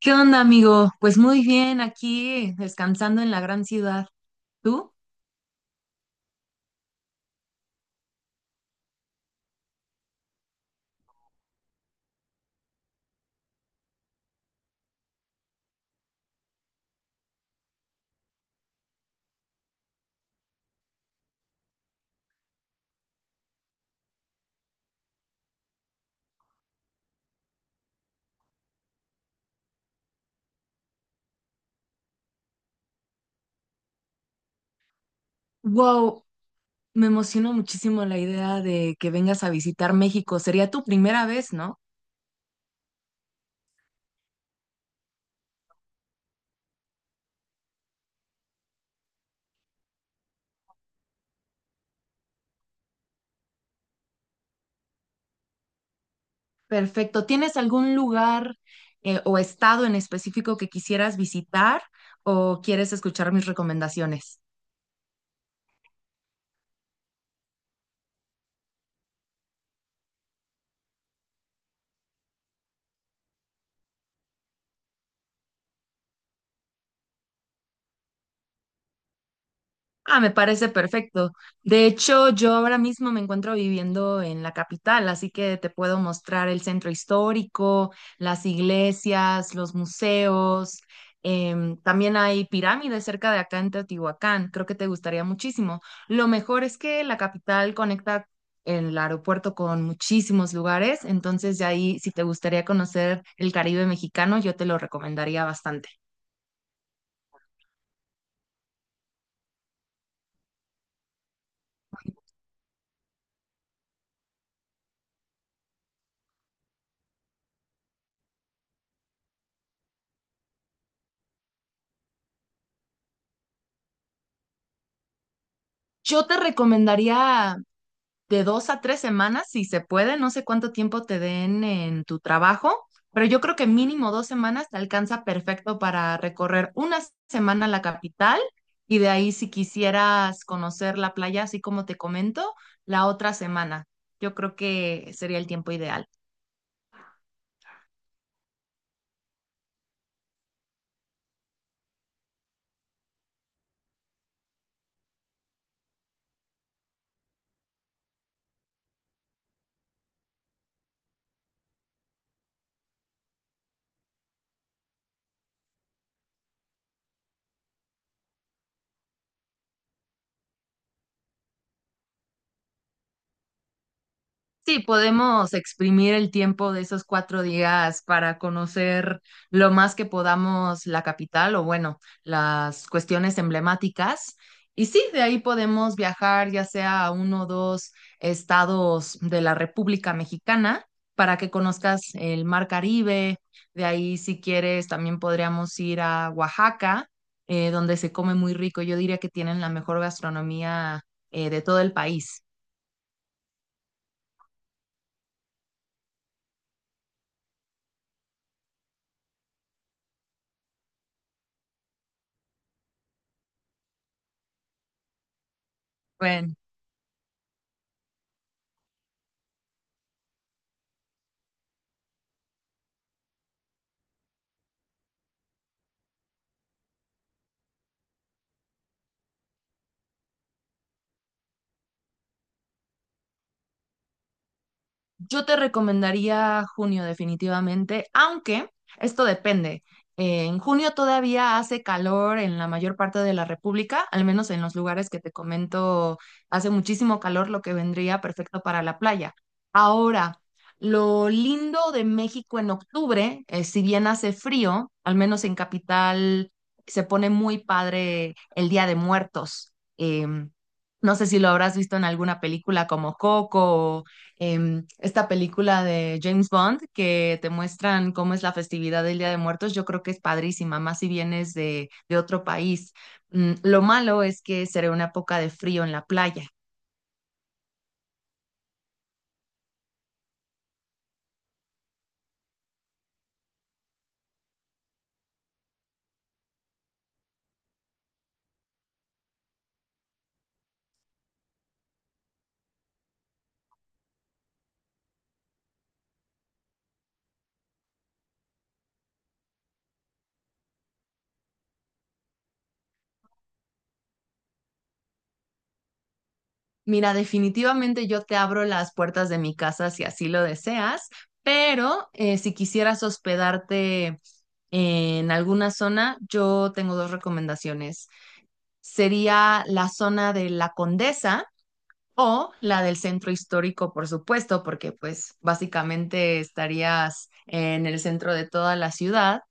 ¿Qué onda, amigo? Pues muy bien, aquí descansando en la gran ciudad. ¿Tú? Wow, me emocionó muchísimo la idea de que vengas a visitar México. Sería tu primera vez, ¿no? Perfecto. ¿Tienes algún lugar o estado en específico que quisieras visitar o quieres escuchar mis recomendaciones? Ah, me parece perfecto. De hecho, yo ahora mismo me encuentro viviendo en la capital, así que te puedo mostrar el centro histórico, las iglesias, los museos. También hay pirámides cerca de acá en Teotihuacán. Creo que te gustaría muchísimo. Lo mejor es que la capital conecta el aeropuerto con muchísimos lugares, entonces de ahí, si te gustaría conocer el Caribe mexicano, yo te lo recomendaría bastante. Yo te recomendaría de 2 a 3 semanas, si se puede, no sé cuánto tiempo te den en tu trabajo, pero yo creo que mínimo 2 semanas te alcanza perfecto para recorrer una semana la capital y de ahí si quisieras conocer la playa, así como te comento, la otra semana. Yo creo que sería el tiempo ideal. Sí, podemos exprimir el tiempo de esos 4 días para conocer lo más que podamos la capital o bueno, las cuestiones emblemáticas. Y sí, de ahí podemos viajar ya sea a uno o dos estados de la República Mexicana para que conozcas el Mar Caribe. De ahí, si quieres, también podríamos ir a Oaxaca, donde se come muy rico. Yo diría que tienen la mejor gastronomía de todo el país. Bueno. Yo te recomendaría junio definitivamente, aunque esto depende. En junio todavía hace calor en la mayor parte de la República, al menos en los lugares que te comento, hace muchísimo calor, lo que vendría perfecto para la playa. Ahora, lo lindo de México en octubre, si bien hace frío, al menos en capital se pone muy padre el Día de Muertos. No sé si lo habrás visto en alguna película como Coco, esta película de James Bond que te muestran cómo es la festividad del Día de Muertos, yo creo que es padrísima, más si vienes de otro país. Lo malo es que será una época de frío en la playa. Mira, definitivamente yo te abro las puertas de mi casa si así lo deseas, pero si quisieras hospedarte en alguna zona, yo tengo dos recomendaciones. Sería la zona de La Condesa o la del centro histórico, por supuesto, porque pues básicamente estarías en el centro de toda la ciudad,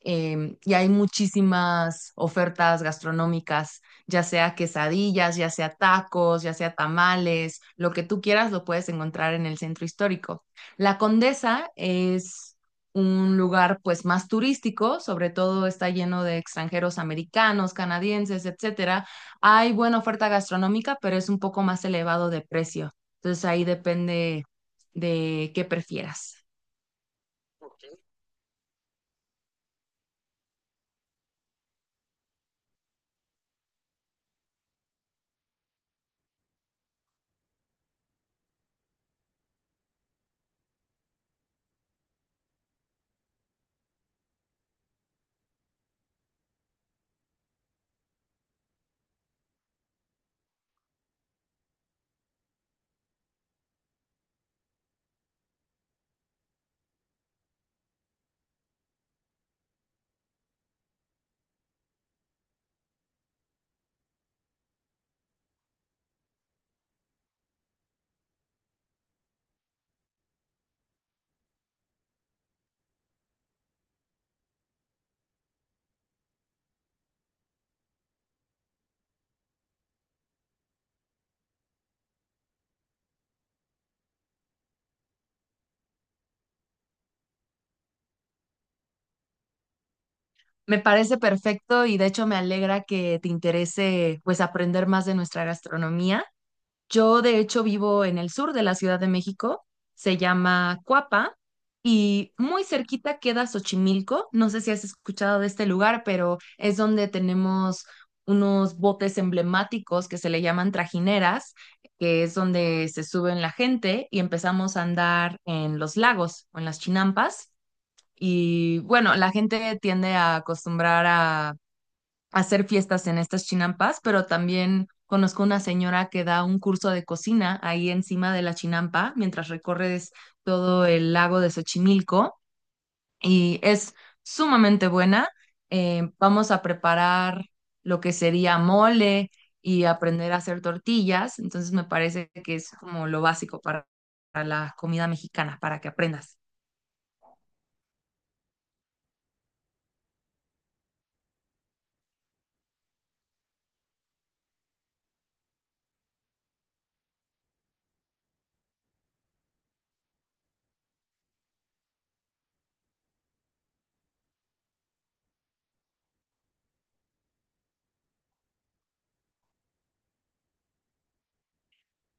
y hay muchísimas ofertas gastronómicas, ya sea quesadillas, ya sea tacos, ya sea tamales, lo que tú quieras lo puedes encontrar en el centro histórico. La Condesa es un lugar pues más turístico, sobre todo está lleno de extranjeros americanos, canadienses, etcétera. Hay buena oferta gastronómica, pero es un poco más elevado de precio. Entonces ahí depende de qué prefieras. Me parece perfecto y de hecho me alegra que te interese pues aprender más de nuestra gastronomía. Yo de hecho vivo en el sur de la Ciudad de México, se llama Cuapa y muy cerquita queda Xochimilco. No sé si has escuchado de este lugar, pero es donde tenemos unos botes emblemáticos que se le llaman trajineras, que es donde se suben la gente y empezamos a andar en los lagos o en las chinampas. Y bueno, la gente tiende a acostumbrar a hacer fiestas en estas chinampas, pero también conozco una señora que da un curso de cocina ahí encima de la chinampa mientras recorres todo el lago de Xochimilco y es sumamente buena. Vamos a preparar lo que sería mole y aprender a hacer tortillas, entonces me parece que es como lo básico para la comida mexicana, para que aprendas.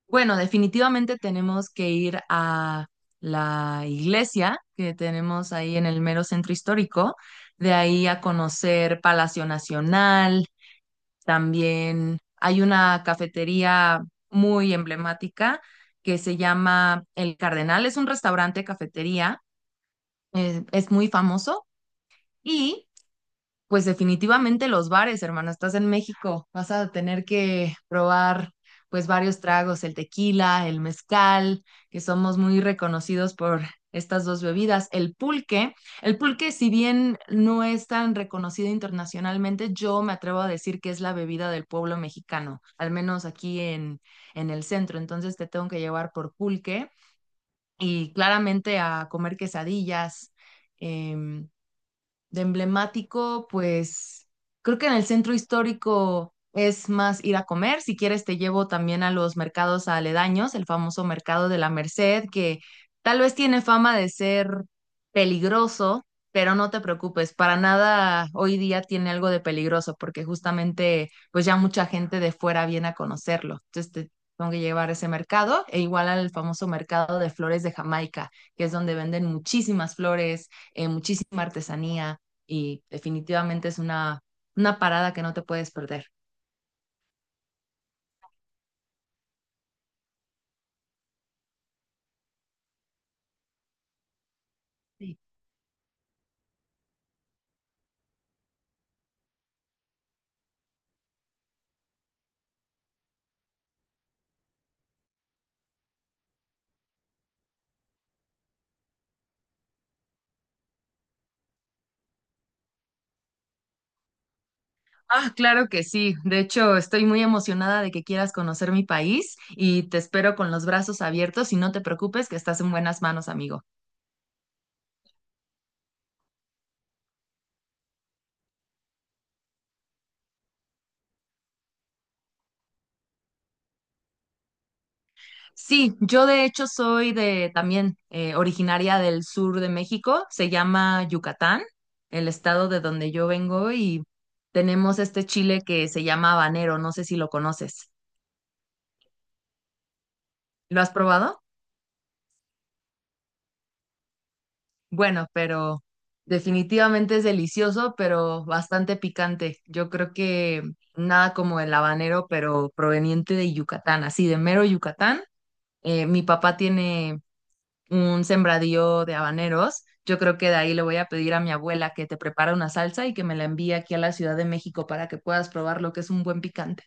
Bueno, definitivamente tenemos que ir a la iglesia que tenemos ahí en el mero centro histórico, de ahí a conocer Palacio Nacional, también hay una cafetería muy emblemática que se llama El Cardenal, es un restaurante cafetería, es muy famoso y pues definitivamente los bares, hermana, estás en México, vas a tener que probar pues varios tragos, el tequila, el mezcal, que somos muy reconocidos por estas dos bebidas, el pulque. El pulque, si bien no es tan reconocido internacionalmente, yo me atrevo a decir que es la bebida del pueblo mexicano, al menos aquí en el centro. Entonces te tengo que llevar por pulque y claramente a comer quesadillas. em, de emblemático, pues creo que en el centro histórico es más ir a comer. Si quieres, te llevo también a los mercados aledaños, el famoso mercado de la Merced, que tal vez tiene fama de ser peligroso, pero no te preocupes, para nada hoy día tiene algo de peligroso, porque justamente pues ya mucha gente de fuera viene a conocerlo. Entonces te tengo que llevar a ese mercado e igual al famoso mercado de flores de Jamaica, que es donde venden muchísimas flores, muchísima artesanía y definitivamente es una parada que no te puedes perder. Sí. Ah, claro que sí. De hecho, estoy muy emocionada de que quieras conocer mi país y te espero con los brazos abiertos y no te preocupes que estás en buenas manos, amigo. Sí, yo de hecho soy de también originaria del sur de México, se llama Yucatán, el estado de donde yo vengo y tenemos este chile que se llama habanero, no sé si lo conoces. ¿Lo has probado? Bueno, pero definitivamente es delicioso, pero bastante picante. Yo creo que nada como el habanero, pero proveniente de Yucatán, así de mero Yucatán. Mi papá tiene un sembradío de habaneros. Yo creo que de ahí le voy a pedir a mi abuela que te prepare una salsa y que me la envíe aquí a la Ciudad de México para que puedas probar lo que es un buen picante.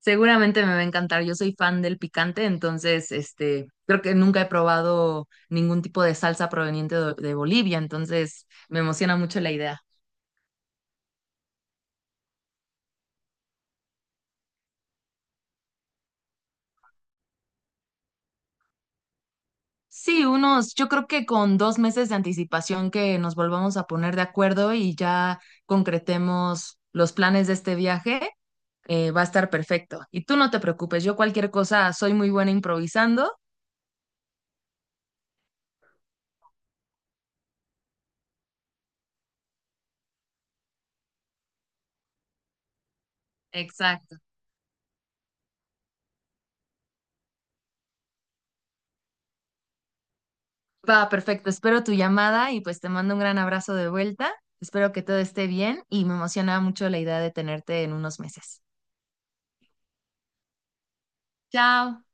Seguramente me va a encantar. Yo soy fan del picante, entonces, creo que nunca he probado ningún tipo de salsa proveniente de Bolivia, entonces me emociona mucho la idea. Sí, unos, yo creo que con 2 meses de anticipación que nos volvamos a poner de acuerdo y ya concretemos los planes de este viaje, va a estar perfecto. Y tú no te preocupes, yo cualquier cosa soy muy buena improvisando. Exacto. Va, perfecto. Espero tu llamada y pues te mando un gran abrazo de vuelta. Espero que todo esté bien y me emociona mucho la idea de tenerte en unos meses. Chao.